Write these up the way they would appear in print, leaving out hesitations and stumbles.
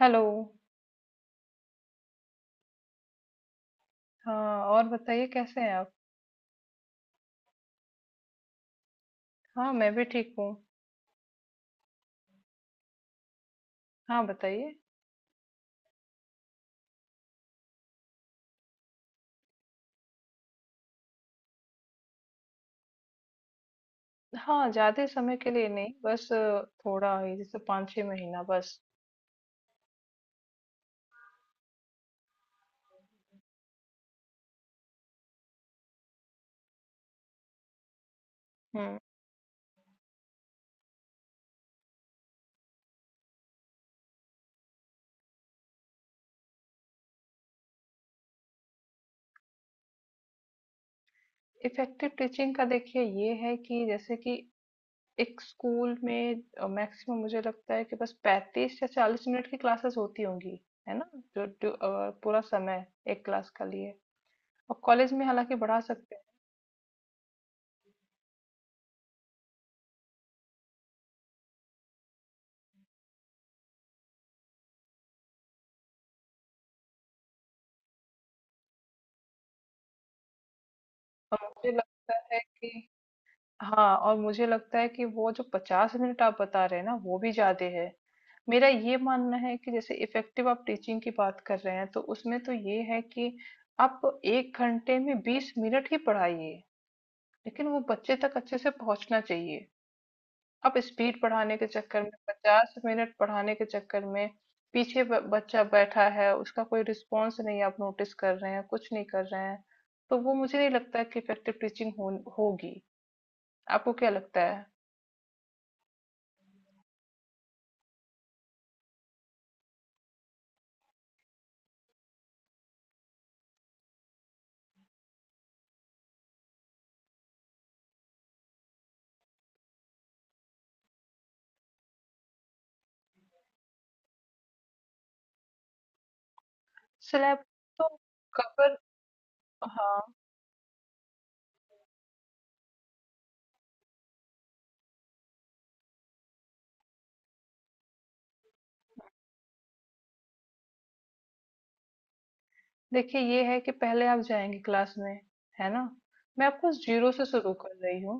Hello. हाँ, और बताइए, कैसे हैं आप? हाँ, मैं भी ठीक हूँ। हाँ, बताइए। हाँ, ज्यादा समय के लिए नहीं, बस थोड़ा ही, जैसे 5 6 महीना बस। हम्म। इफेक्टिव टीचिंग का देखिए ये है कि जैसे कि एक स्कूल में मैक्सिमम मुझे लगता है कि बस 35 या 40 मिनट की क्लासेस होती होंगी, है ना? जो पूरा समय एक क्लास का लिए। और कॉलेज में हालांकि बढ़ा सकते हैं। और मुझे लगता है कि हाँ, और मुझे लगता है कि वो जो 50 मिनट आप बता रहे हैं ना, वो भी ज्यादा है। मेरा ये मानना है कि जैसे इफेक्टिव आप टीचिंग की बात कर रहे हैं तो उसमें तो ये है कि आप एक घंटे में 20 मिनट ही पढ़ाइए, लेकिन वो बच्चे तक अच्छे से पहुंचना चाहिए। आप स्पीड बढ़ाने के चक्कर में, 50 मिनट पढ़ाने के चक्कर में, पीछे बच्चा बैठा है, उसका कोई रिस्पॉन्स नहीं, आप नोटिस कर रहे हैं, कुछ नहीं कर रहे हैं। तो वो मुझे नहीं लगता कि इफेक्टिव टीचिंग होगी। आपको क्या लगता है? स्लैब। तो कवर। हाँ, देखिए ये है कि पहले आप जाएंगे क्लास में, है ना। मैं आपको जीरो से शुरू कर रही हूँ।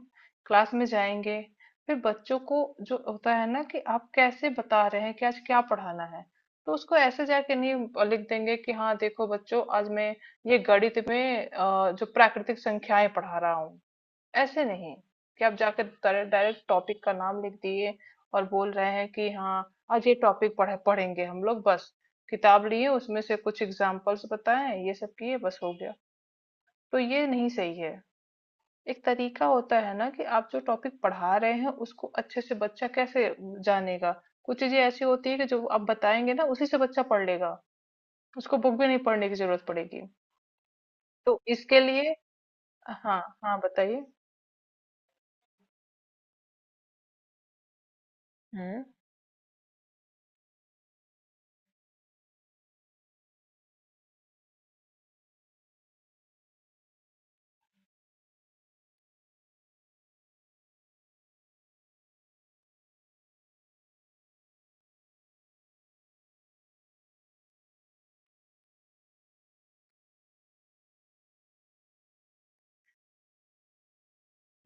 क्लास में जाएंगे, फिर बच्चों को जो होता है ना कि आप कैसे बता रहे हैं कि आज क्या पढ़ाना है, तो उसको ऐसे जाके नहीं लिख देंगे कि हाँ देखो बच्चों, आज मैं ये गणित में जो प्राकृतिक संख्याएं पढ़ा रहा हूँ। ऐसे नहीं कि आप जाकर डायरेक्ट टॉपिक का नाम लिख दिए और बोल रहे हैं कि हाँ आज ये टॉपिक पढ़ेंगे हम लोग, बस किताब लिए उसमें से कुछ एग्जाम्पल्स बताएं, ये सब किए बस हो गया। तो ये नहीं सही है। एक तरीका होता है ना कि आप जो टॉपिक पढ़ा रहे हैं उसको अच्छे से बच्चा कैसे जानेगा। कुछ चीजें ऐसी होती है कि जो आप बताएंगे ना उसी से बच्चा पढ़ लेगा, उसको बुक भी नहीं पढ़ने की जरूरत पड़ेगी। तो इसके लिए, हाँ हाँ, बताइए। हम्म।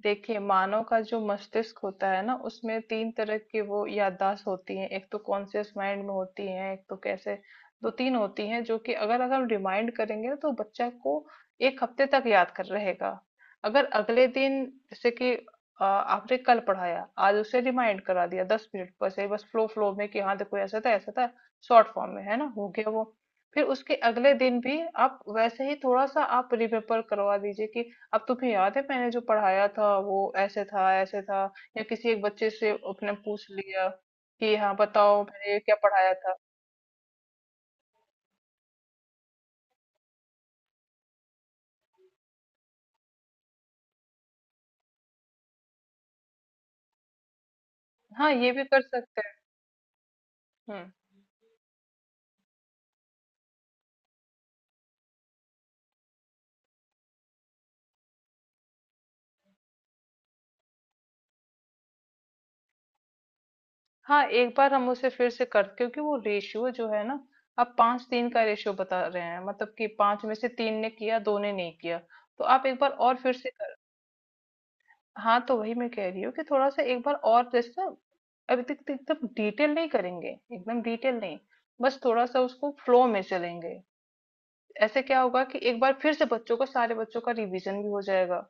देखिए, मानव का जो मस्तिष्क होता है ना, उसमें 3 तरह की वो याददाश्त होती हैं। एक तो कॉन्शियस माइंड में होती हैं, एक तो कैसे 2-3 होती हैं, जो कि अगर अगर हम रिमाइंड करेंगे ना तो बच्चा को 1 हफ्ते तक याद कर रहेगा। अगर अगले दिन, जैसे कि आपने कल पढ़ाया, आज उसे रिमाइंड करा दिया 10 मिनट, बस ये बस फ्लो फ्लो में कि हाँ, देखो ऐसा था, शॉर्ट फॉर्म में, है ना? हो गया वो। फिर उसके अगले दिन भी आप वैसे ही थोड़ा-सा आप रिमेंबर करवा दीजिए कि अब तुम्हें याद है मैंने जो पढ़ाया था वो ऐसे था ऐसे था, या किसी एक बच्चे से अपने पूछ लिया कि हाँ बताओ मैंने ये क्या पढ़ाया था। हाँ, ये भी कर सकते हैं। हम्म। हाँ, एक बार हम उसे फिर से कर, क्योंकि वो रेशियो जो है ना, आप पांच तीन का रेशियो बता रहे हैं, मतलब कि पांच में से तीन ने किया, दो ने नहीं किया। तो आप एक बार और फिर से हाँ, तो वही मैं कह रही हूँ कि थोड़ा सा एक बार और जैसे ना, अभी तक तो एकदम डिटेल नहीं करेंगे, एकदम डिटेल नहीं, बस थोड़ा सा उसको फ्लो में चलेंगे। ऐसे क्या होगा कि एक बार फिर से बच्चों को, सारे बच्चों का रिवीजन भी हो जाएगा।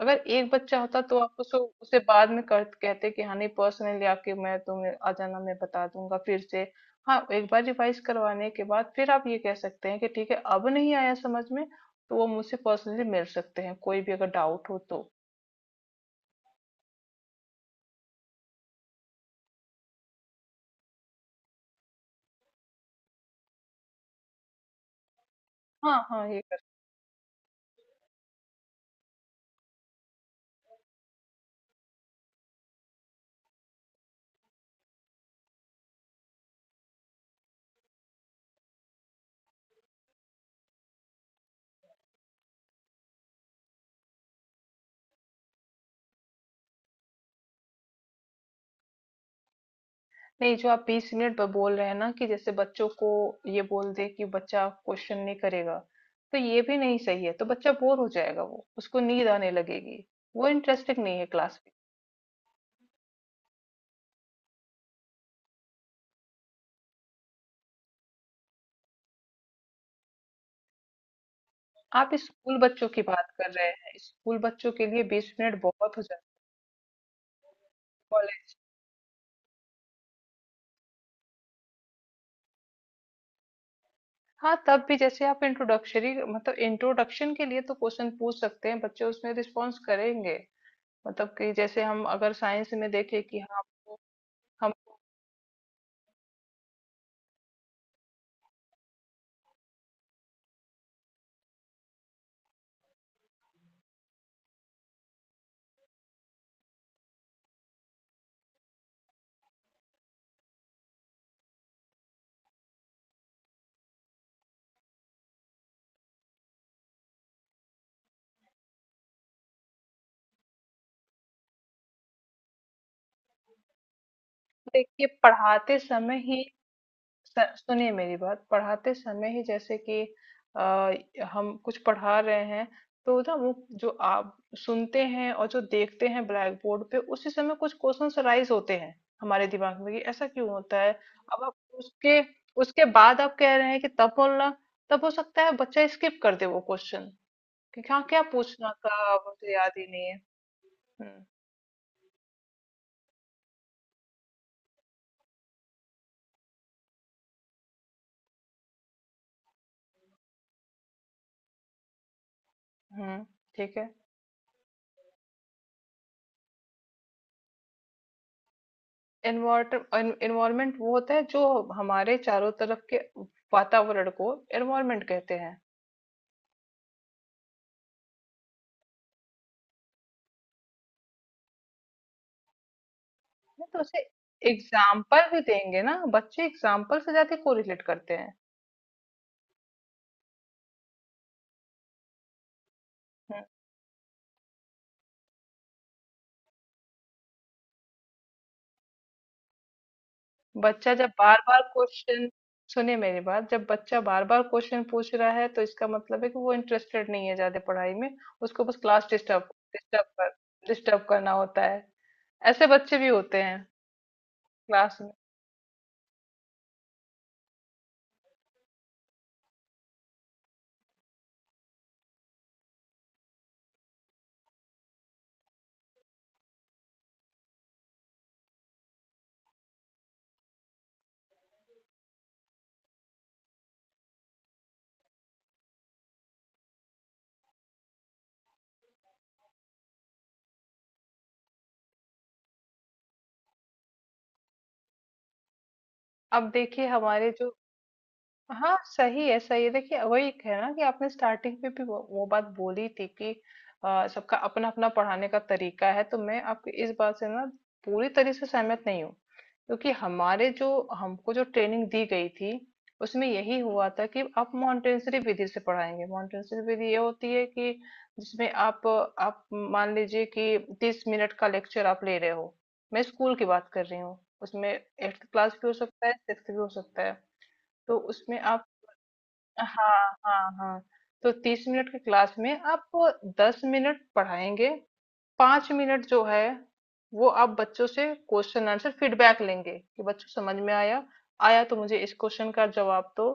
अगर एक बच्चा होता तो आप उसको उसे बाद में कर कहते कि हाँ नहीं पर्सनली आके, मैं तुम्हें आ जाना मैं बता दूंगा फिर से। हाँ, एक बार रिवाइज करवाने के बाद फिर आप ये कह सकते हैं कि ठीक है अब नहीं आया समझ में तो वो मुझसे पर्सनली मिल सकते हैं कोई भी अगर डाउट हो तो। हाँ हाँ, ये नहीं, जो आप 20 मिनट पर बोल रहे हैं ना कि जैसे बच्चों को ये बोल दे कि बच्चा क्वेश्चन नहीं करेगा, तो ये भी नहीं सही है, तो बच्चा बोर हो जाएगा, वो उसको नींद आने लगेगी, वो इंटरेस्टिंग नहीं है क्लास में। आप स्कूल बच्चों की बात कर रहे हैं, स्कूल बच्चों के लिए 20 मिनट बहुत हो जाते हैं। कॉलेज। हाँ तब भी जैसे आप इंट्रोडक्शरी, मतलब इंट्रोडक्शन के लिए तो क्वेश्चन पूछ सकते हैं, बच्चे उसमें रिस्पॉन्स करेंगे। मतलब कि जैसे हम अगर साइंस में देखें कि हाँ हमको- हम देखिए पढ़ाते समय ही सुनिए मेरी बात, पढ़ाते समय ही जैसे कि आ, हम कुछ पढ़ा रहे हैं, तो ना वो जो आप सुनते हैं और जो देखते हैं ब्लैक बोर्ड पे, उसी समय कुछ क्वेश्चंस राइज होते हैं हमारे दिमाग में कि ऐसा क्यों होता है। अब आप उसके उसके बाद आप कह रहे हैं कि तब बोलना, तब हो सकता है बच्चा स्किप कर दे वो क्वेश्चन कि हाँ क्या पूछना था मुझे याद ही नहीं है। हम्म। हम्म, ठीक है। एनवायरमेंट वो होता है जो हमारे चारों तरफ के वातावरण को एनवायरमेंट कहते हैं। नहीं, तो उसे एग्जाम्पल भी देंगे ना, बच्चे एग्जाम्पल से ज्यादा कोरिलेट करते हैं। हम्म। बच्चा जब बार बार क्वेश्चन सुनिए मेरी बात, जब बच्चा बार बार क्वेश्चन पूछ रहा है तो इसका मतलब है कि वो इंटरेस्टेड नहीं है ज्यादा पढ़ाई में, उसको बस क्लास डिस्टर्ब डिस्टर्ब कर डिस्टर्ब करना होता है। ऐसे बच्चे भी होते हैं क्लास में। अब देखिए हमारे जो, हाँ सही है, सही है, देखिए वही है ना कि आपने स्टार्टिंग में भी वो बात बोली थी कि सबका अपना अपना पढ़ाने का तरीका है, तो मैं आपकी इस बात से ना पूरी तरह से सहमत नहीं हूँ। क्योंकि हमारे जो हमको जो ट्रेनिंग दी गई थी उसमें यही हुआ था कि आप मॉन्टेसरी विधि से पढ़ाएंगे। मॉन्टेसरी विधि ये होती है कि जिसमें आप मान लीजिए कि 30 मिनट का लेक्चर आप ले रहे हो। मैं स्कूल की बात कर रही हूँ, उसमें एट्थ क्लास भी हो सकता है, सिक्स भी हो सकता है। तो उसमें आप, हाँ, हाँ, हाँ। तो 30 मिनट की क्लास में आप 10 मिनट पढ़ाएँगे, 5 मिनट जो है वो आप बच्चों से क्वेश्चन आंसर फीडबैक लेंगे कि बच्चों समझ में आया, आया तो मुझे इस क्वेश्चन का जवाब दो,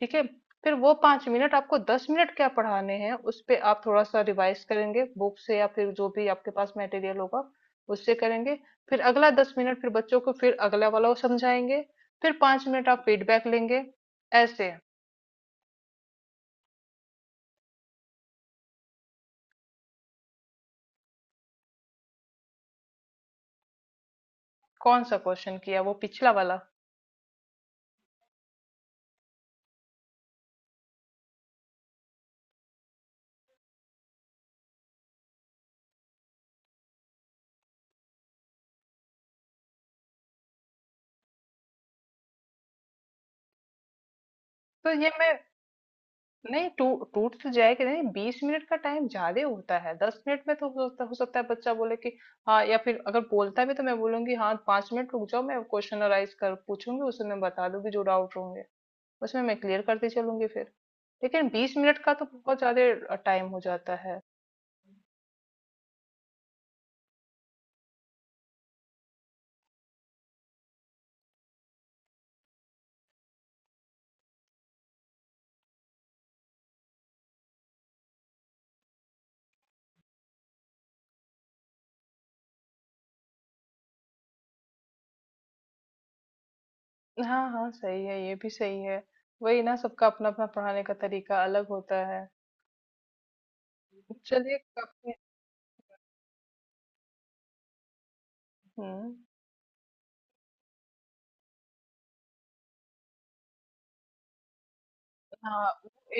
ठीक है? फिर वो 5 मिनट आपको 10 मिनट क्या पढ़ाने हैं उस पे आप थोड़ा-सा रिवाइज करेंगे बुक से, या फिर जो भी आपके पास मटेरियल होगा उससे करेंगे। फिर अगला 10 मिनट फिर बच्चों को, फिर अगला वाला वो समझाएँगे, फिर 5 मिनट आप फीडबैक लेंगे, ऐसे। कौन सा क्वेश्चन किया, वो पिछला वाला? तो ये मैं नहीं टू टूट तो जाएगा नहीं, 20 मिनट का टाइम ज्यादा होता है, 10 मिनट में तो हो सकता है बच्चा बोले कि हाँ, या फिर अगर बोलता भी तो मैं बोलूंगी हाँ 5 मिनट रुक जाओ, मैं क्वेश्चनराइज कर पूछूंगी, उसे मैं बता दूंगी जो डाउट होंगे उसमें मैं क्लियर करती चलूंगी फिर। लेकिन 20 मिनट का तो बहुत ज्यादा टाइम हो जाता है। हाँ हाँ, सही है, ये भी सही है। वही ना, सबका अपना अपना पढ़ाने का तरीका अलग होता है। चलिए काफी। हम्म। हाँ,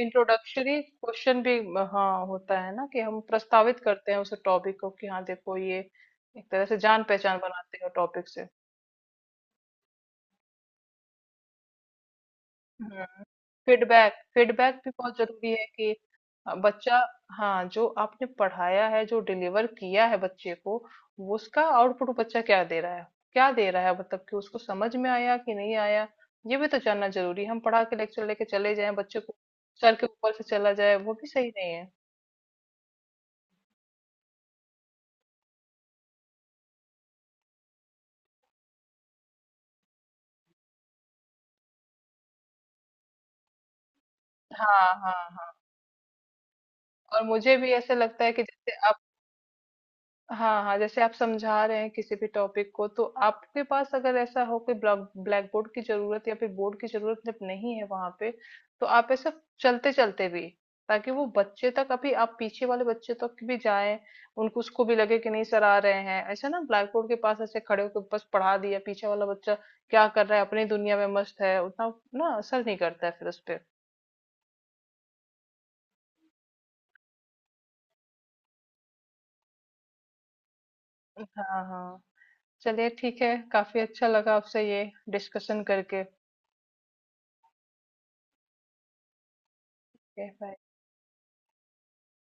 इंट्रोडक्टरी क्वेश्चन भी हाँ होता है ना कि हम प्रस्तावित करते हैं उस टॉपिक को कि हाँ देखो ये, एक तरह से जान पहचान बनाते हैं टॉपिक से। हम्म। फीडबैक फीडबैक भी बहुत जरूरी है कि बच्चा, हाँ, जो आपने पढ़ाया है, जो डिलीवर किया है बच्चे को, वो उसका आउटपुट बच्चा क्या दे रहा है, मतलब कि उसको समझ में आया कि नहीं आया, ये भी तो जानना जरूरी है। हम पढ़ा के लेक्चर लेके चले जाएं, बच्चे को सर के ऊपर से चला जाए, वो भी सही नहीं है। हाँ हाँ हाँ, और मुझे भी ऐसे लगता है कि जैसे आप, हाँ हाँ, जैसे आप समझा रहे हैं किसी भी टॉपिक को, तो आपके पास अगर ऐसा हो कि ब्लैक ब्लैक बोर्ड की जरूरत, या फिर बोर्ड की जरूरत जब नहीं है वहां पे, तो आप ऐसे चलते चलते भी, ताकि वो बच्चे तक, अभी आप पीछे वाले बच्चे तक भी जाएं, उनको उसको भी लगे कि नहीं सर आ रहे हैं, ऐसा ना ब्लैक बोर्ड के पास ऐसे खड़े होकर बस पढ़ा दिया। पीछे वाला बच्चा क्या कर रहा है, अपनी दुनिया में मस्त है, उतना ना असर नहीं करता है फिर उस पर। हाँ हाँ, चलिए ठीक है, काफ़ी अच्छा लगा आपसे ये डिस्कशन करके। Okay, bye.